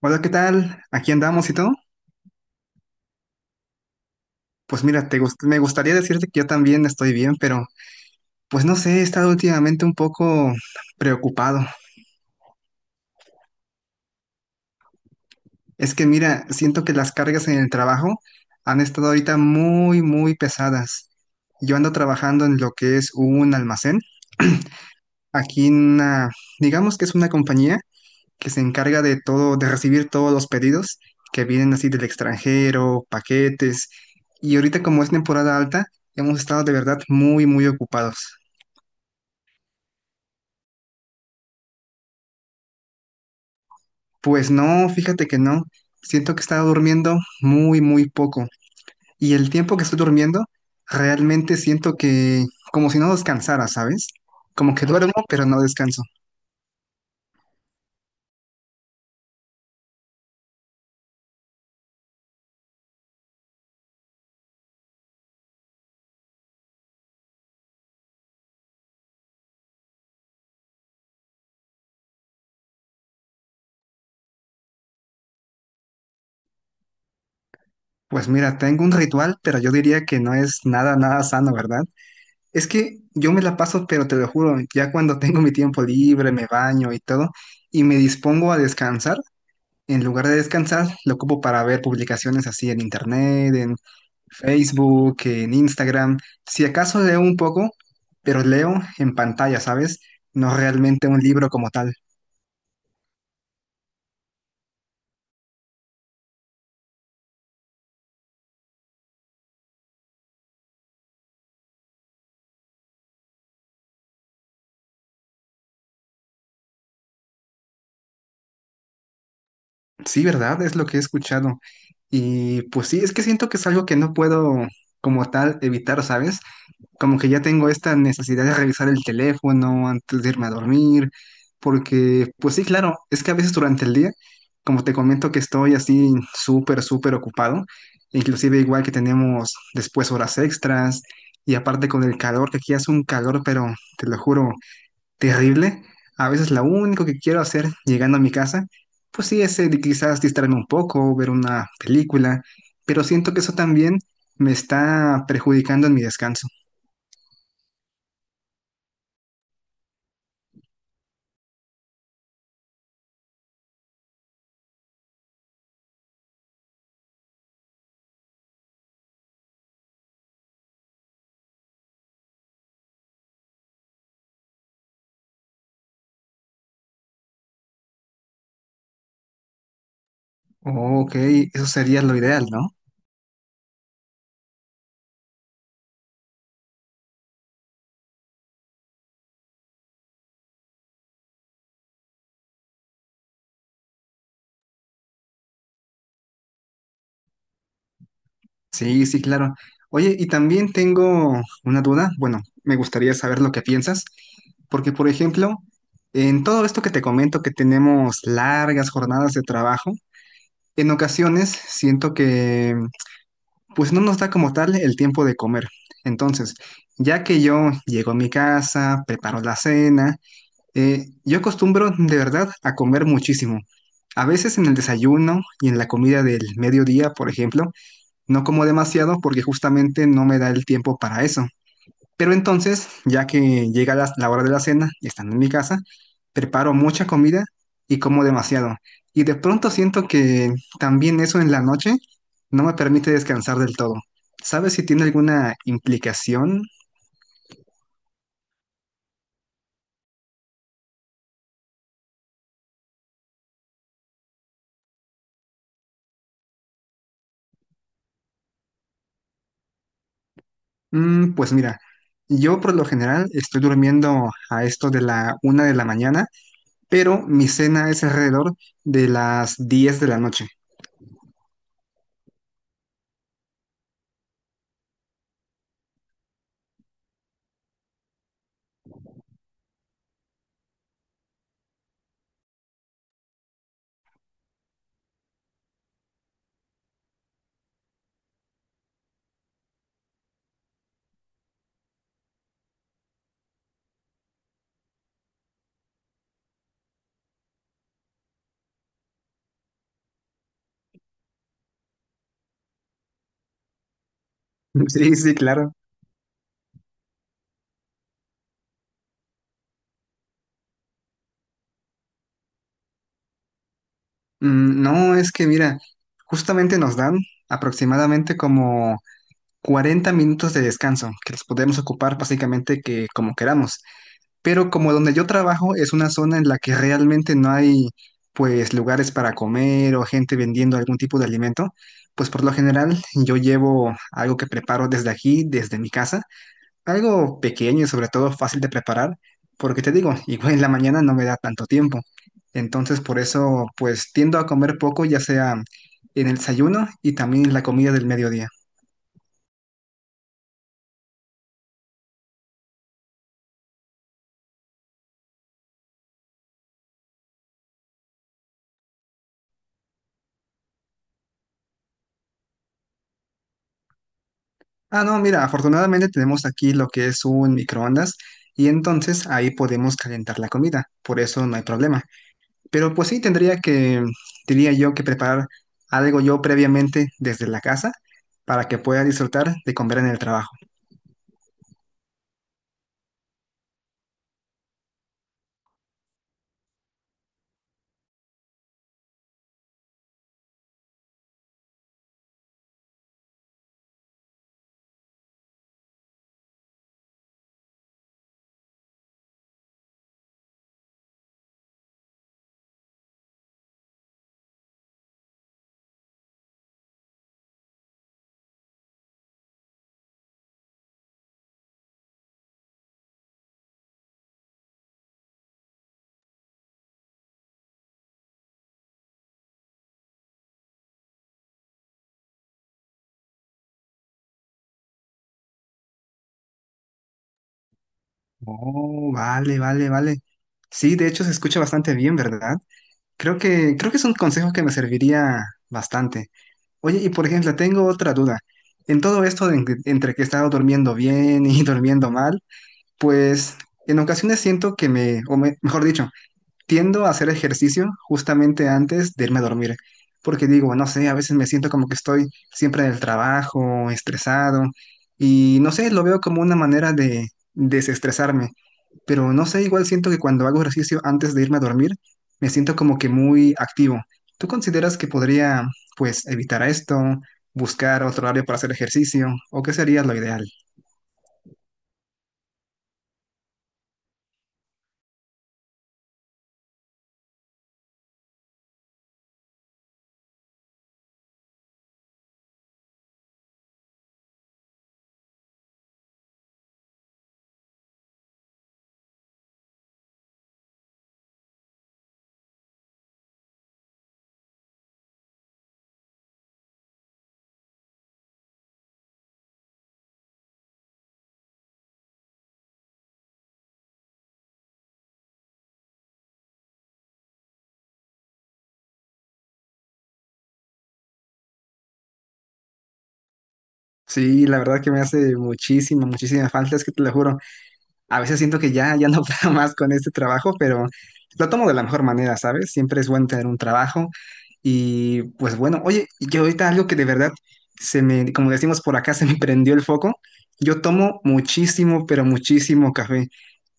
Hola, ¿qué tal? Aquí andamos y todo. Pues mira, me gustaría decirte que yo también estoy bien, pero pues no sé, he estado últimamente un poco preocupado. Es que mira, siento que las cargas en el trabajo han estado ahorita muy, muy pesadas. Yo ando trabajando en lo que es un almacén, aquí en una, digamos que es una compañía que se encarga de todo, de recibir todos los pedidos que vienen así del extranjero, paquetes. Y ahorita como es temporada alta, hemos estado de verdad muy, muy ocupados. Pues no, fíjate que no. Siento que he estado durmiendo muy, muy poco. Y el tiempo que estoy durmiendo, realmente siento que como si no descansara, ¿sabes? Como que duermo, pero no descanso. Pues mira, tengo un ritual, pero yo diría que no es nada, nada sano, ¿verdad? Es que yo me la paso, pero te lo juro, ya cuando tengo mi tiempo libre, me baño y todo, y me dispongo a descansar, en lugar de descansar, lo ocupo para ver publicaciones así en internet, en Facebook, en Instagram. Si acaso leo un poco, pero leo en pantalla, ¿sabes? No realmente un libro como tal. Sí, ¿verdad? Es lo que he escuchado. Y pues sí, es que siento que es algo que no puedo como tal evitar, ¿sabes? Como que ya tengo esta necesidad de revisar el teléfono antes de irme a dormir, porque pues sí, claro, es que a veces durante el día, como te comento que estoy así súper, súper ocupado, inclusive igual que tenemos después horas extras y aparte con el calor, que aquí hace un calor, pero te lo juro, terrible. A veces lo único que quiero hacer llegando a mi casa, pues sí, es de quizás distraerme un poco, ver una película, pero siento que eso también me está perjudicando en mi descanso. Ok, eso sería lo ideal, ¿no? Sí, sí, claro. Oye, y también tengo una duda. Bueno, me gustaría saber lo que piensas, porque por ejemplo, en todo esto que te comento, que tenemos largas jornadas de trabajo, en ocasiones siento que pues no nos da como tal el tiempo de comer. Entonces, ya que yo llego a mi casa, preparo la cena, yo acostumbro de verdad a comer muchísimo. A veces en el desayuno y en la comida del mediodía, por ejemplo. No como demasiado porque justamente no me da el tiempo para eso. Pero entonces, ya que llega la hora de la cena, estando en mi casa, preparo mucha comida y como demasiado. Y de pronto siento que también eso en la noche no me permite descansar del todo. ¿Sabes si tiene alguna implicación? Mm, pues mira, yo por lo general estoy durmiendo a esto de la una de la mañana, pero mi cena es alrededor de las 10 de la noche. Sí, sí, claro. Mm, no, es que mira, justamente nos dan aproximadamente como 40 minutos de descanso, que los podemos ocupar básicamente que como queramos. Pero como donde yo trabajo es una zona en la que realmente no hay pues lugares para comer o gente vendiendo algún tipo de alimento, pues por lo general yo llevo algo que preparo desde aquí, desde mi casa algo pequeño y sobre todo fácil de preparar, porque te digo, igual en la mañana no me da tanto tiempo. Entonces por eso pues tiendo a comer poco, ya sea en el desayuno y también en la comida del mediodía. Ah, no, mira, afortunadamente tenemos aquí lo que es un microondas y entonces ahí podemos calentar la comida, por eso no hay problema. Pero pues sí tendría que, diría yo, que preparar algo yo previamente desde la casa para que pueda disfrutar de comer en el trabajo. Oh, vale, vale, vale. Sí, de hecho se escucha bastante bien, ¿verdad? Creo que es un consejo que me serviría bastante. Oye, y por ejemplo, tengo otra duda. En todo esto de entre que he estado durmiendo bien y durmiendo mal, pues en ocasiones siento que mejor dicho, tiendo a hacer ejercicio justamente antes de irme a dormir. Porque digo, no sé, a veces me siento como que estoy siempre en el trabajo, estresado, y no sé, lo veo como una manera de desestresarme, pero no sé, igual siento que cuando hago ejercicio antes de irme a dormir, me siento como que muy activo. ¿Tú consideras que podría, pues, evitar esto, buscar otro horario para hacer ejercicio, o qué sería lo ideal? Sí, la verdad que me hace muchísima, muchísima falta, es que te lo juro. A veces siento que ya, ya no puedo más con este trabajo, pero lo tomo de la mejor manera, ¿sabes? Siempre es bueno tener un trabajo. Y pues bueno, oye, yo ahorita algo que de verdad se me, como decimos por acá, se me prendió el foco. Yo tomo muchísimo, pero muchísimo café.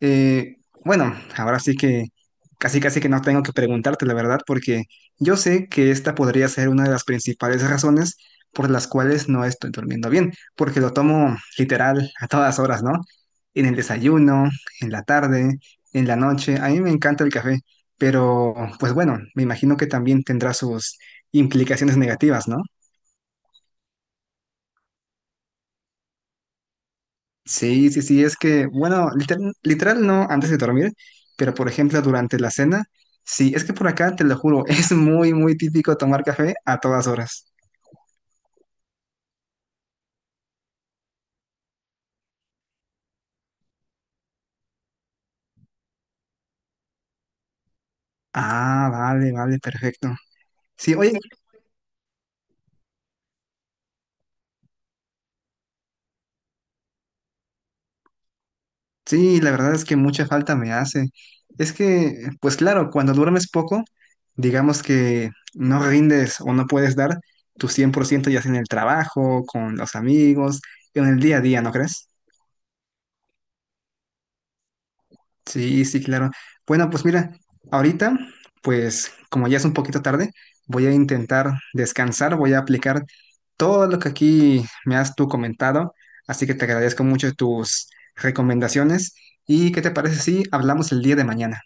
Eh, bueno, ahora sí que casi casi que no tengo que preguntarte la verdad, porque yo sé que esta podría ser una de las principales razones por las cuales no estoy durmiendo bien, porque lo tomo literal a todas horas, ¿no? En el desayuno, en la tarde, en la noche. A mí me encanta el café, pero pues bueno, me imagino que también tendrá sus implicaciones negativas, ¿no? Sí, sí, sí, es que, bueno, literal, literal no antes de dormir, pero por ejemplo durante la cena, sí, es que por acá, te lo juro, es muy, muy típico tomar café a todas horas. Ah, vale, vale, perfecto. Sí, oye, sí, la verdad es que mucha falta me hace. Es que, pues claro, cuando duermes poco, digamos que no rindes o no puedes dar tu 100% ya sea en el trabajo, con los amigos, en el día a día, ¿no crees? Sí, sí, claro. Bueno, pues mira, ahorita, pues como ya es un poquito tarde, voy a intentar descansar, voy a aplicar todo lo que aquí me has tú comentado, así que te agradezco mucho tus recomendaciones y ¿qué te parece si hablamos el día de mañana?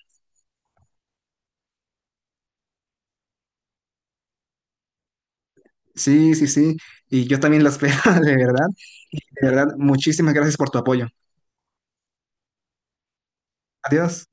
Sí, sí, sí, y yo también las veo, de verdad, de verdad, muchísimas gracias por tu apoyo. Adiós.